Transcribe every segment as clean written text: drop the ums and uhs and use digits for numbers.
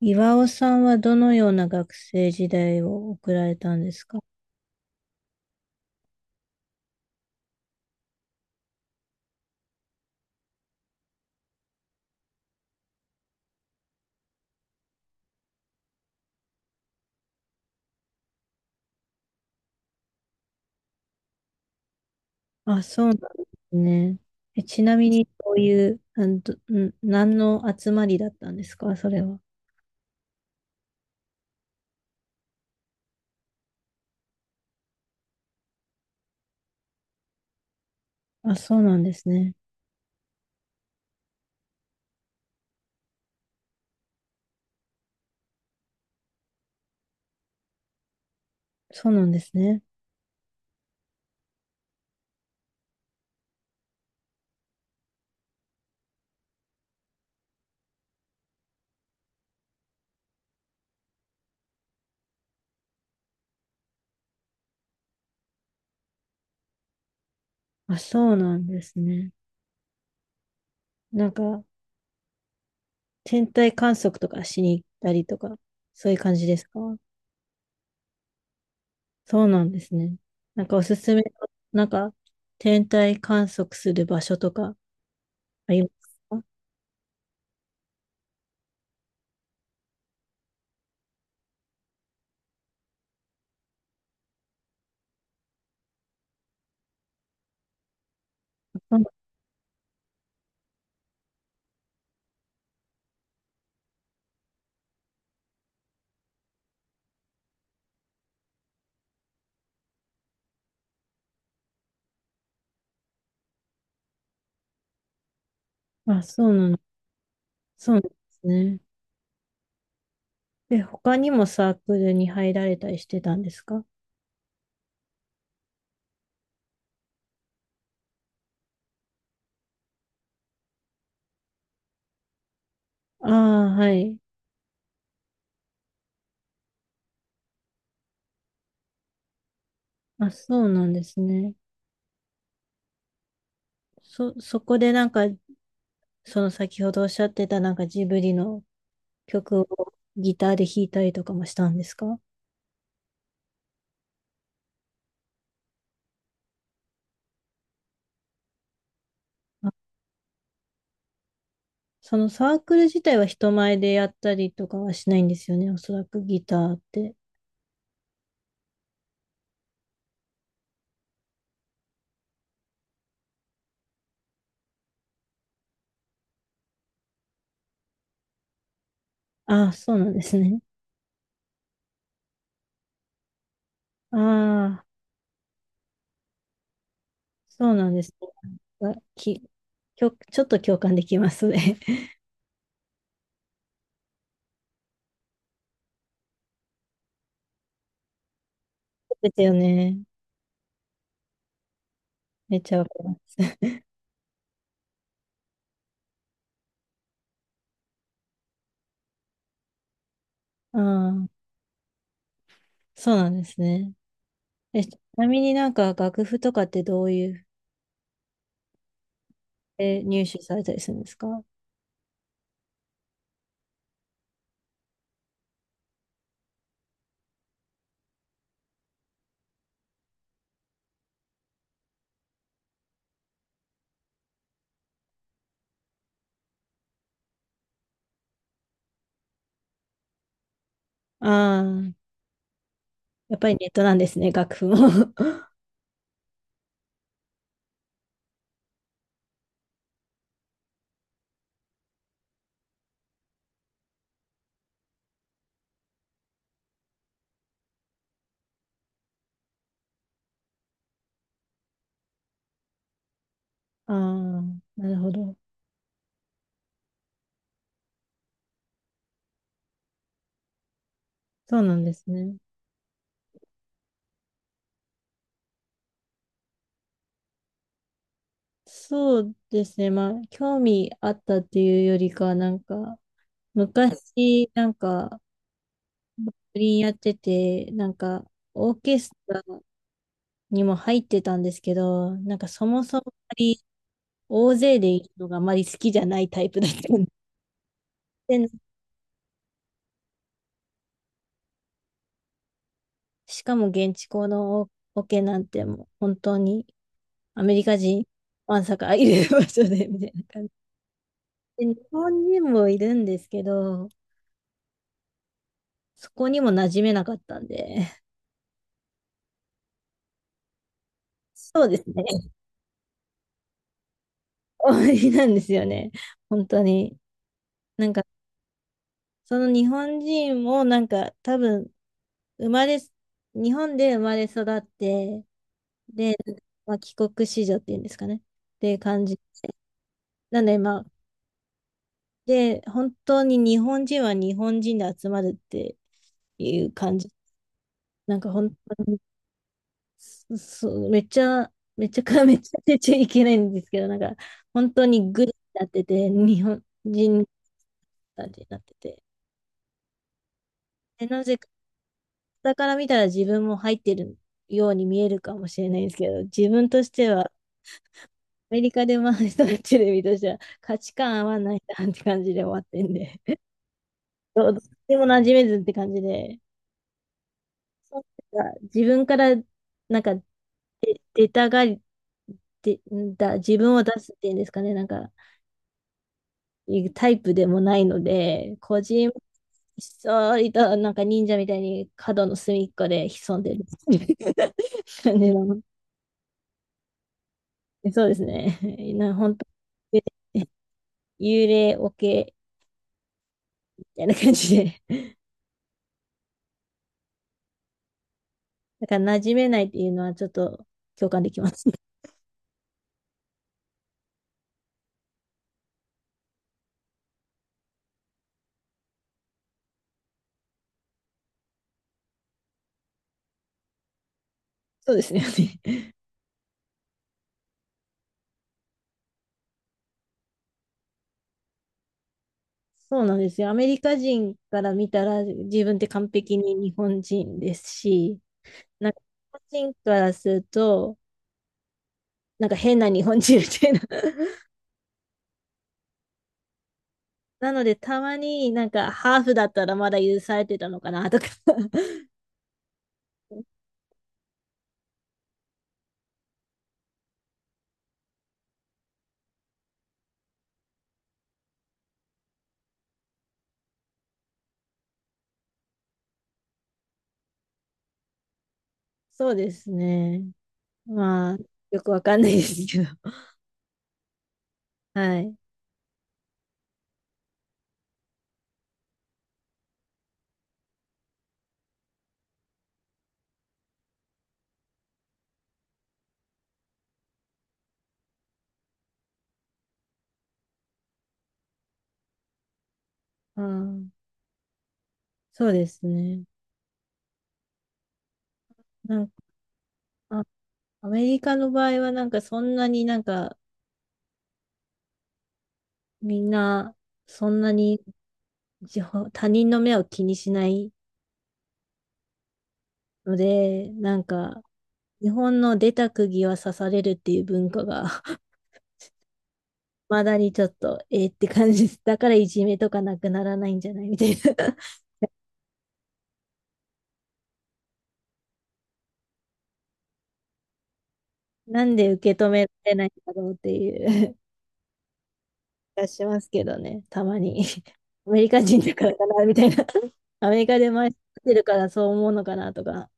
岩尾さんはどのような学生時代を送られたんですか？あ、そうなんですね。え、ちなみに、こういう、あのどん何の集まりだったんですかそれは？あ、そうなんですね。そうなんですね。あ、そうなんですね。なんか、天体観測とかしに行ったりとか、そういう感じですか？そうなんですね。なんかおすすめの、なんか、天体観測する場所とかありますか？あ、あそうなん、そうなんですね。で、他にもサークルに入られたりしてたんですか？ああ、はい。あ、そうなんですね。そこでなんか、その先ほどおっしゃってたなんかジブリの曲をギターで弾いたりとかもしたんですか？あ、そのサークル自体は人前でやったりとかはしないんですよね。おそらくギターって。ああ、そうなんですね。ああ、そうなんですね。あ、き、きょ、ちょっと共感できますね。ですよね。めっちゃわかります。ああ。そうなんですね。え、ちなみになんか楽譜とかってどういう入手されたりするんですか？ああー、やっぱりネットなんですね、楽譜も。ああ、なるほど。そうなんですね。そうですね。まあ、興味あったっていうよりかは、なんか、昔、なんか、バイオリンやってて、なんか、オーケストラにも入ってたんですけど、なんかそもそもあまり大勢でいるのがあまり好きじゃないタイプだったんで。しかも現地校のオケなんてもう本当にアメリカ人わんさかいる場所でみたいな感じ。で日本人もいるんですけど、そこにも馴染めなかったんで。そうですね。終わりなんですよね。本当に。なんか、その日本人もなんか多分生まれ、日本で生まれ育って、で、まあ、帰国子女っていうんですかね。っていう感じ。なんで、まあ、で、本当に日本人は日本人で集まるっていう感じ。なんか本当に、そうめっちゃ、めちゃくちゃ めっちゃ出ちゃいけないんですけど、なんか本当にグルになってて、日本人たちになってて。で、なぜか、下から見たら自分も入ってるように見えるかもしれないんですけど、自分としては、アメリカで回したテレビとしては価値観合わないなって感じで終わってんで、どっちも馴染めずって感じで、そうなんか自分からなんか出たがり、で、自分を出すっていうんですかね、なんか、いうタイプでもないので、ひっそりと、なんか忍者みたいに角の隅っこで潜んでる 感じの、そうですね。本当幽霊オケみたいな感じで、だから馴染めないっていうのはちょっと共感できます。そうですね。そうなんですよ。アメリカ人から見たら自分って完璧に日本人ですし、なんか、日本人からすると、なんか変な日本人みたいな。なので、たまになんかハーフだったらまだ許されてたのかなとか。 そうですね。まあ、よくわかんないですけど。はい。うん、そうですね。なんか、あアメリカの場合はなんかそんなになんかみんなそんなに自他人の目を気にしないので、なんか日本の出た釘は刺されるっていう文化が、まだにちょっと、えーって感じです。だからいじめとかなくならないんじゃないみたいな。なんで受け止められないんだろうっていう気がしますけどね、たまに。アメリカ人だからかな、みたいな。アメリカで回してるからそう思うのかなとか。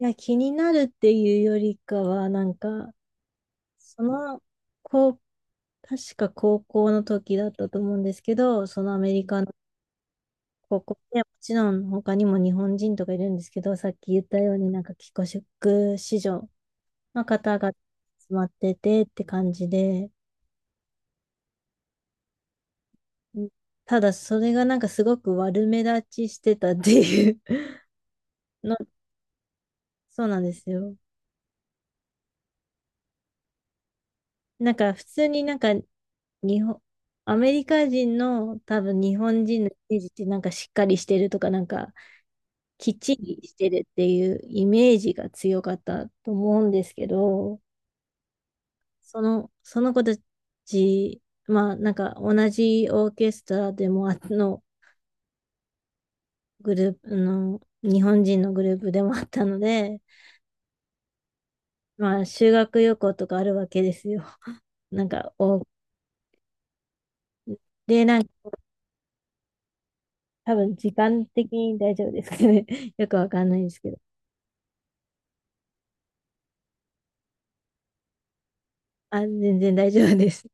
いや、気になるっていうよりかは、なんか、その、こう、確か高校の時だったと思うんですけど、そのアメリカのここでもちろん他にも日本人とかいるんですけど、さっき言ったようになんか帰国子女の方が集まっててって感じで、うん、ただそれがなんかすごく悪目立ちしてたっていう の、そうなんですよ。なんか普通になんか日本、アメリカ人の多分日本人のイメージってなんかしっかりしてるとかなんかきっちりしてるっていうイメージが強かったと思うんですけど、その、その子たち、まあ、なんか同じオーケストラでもあのグループの、日本人のグループでもあったので、まあ、修学旅行とかあるわけですよ。なんか、お、で、なんか、多分時間的に大丈夫ですけど、ね、よくわかんないんですけど、あ、全然大丈夫です。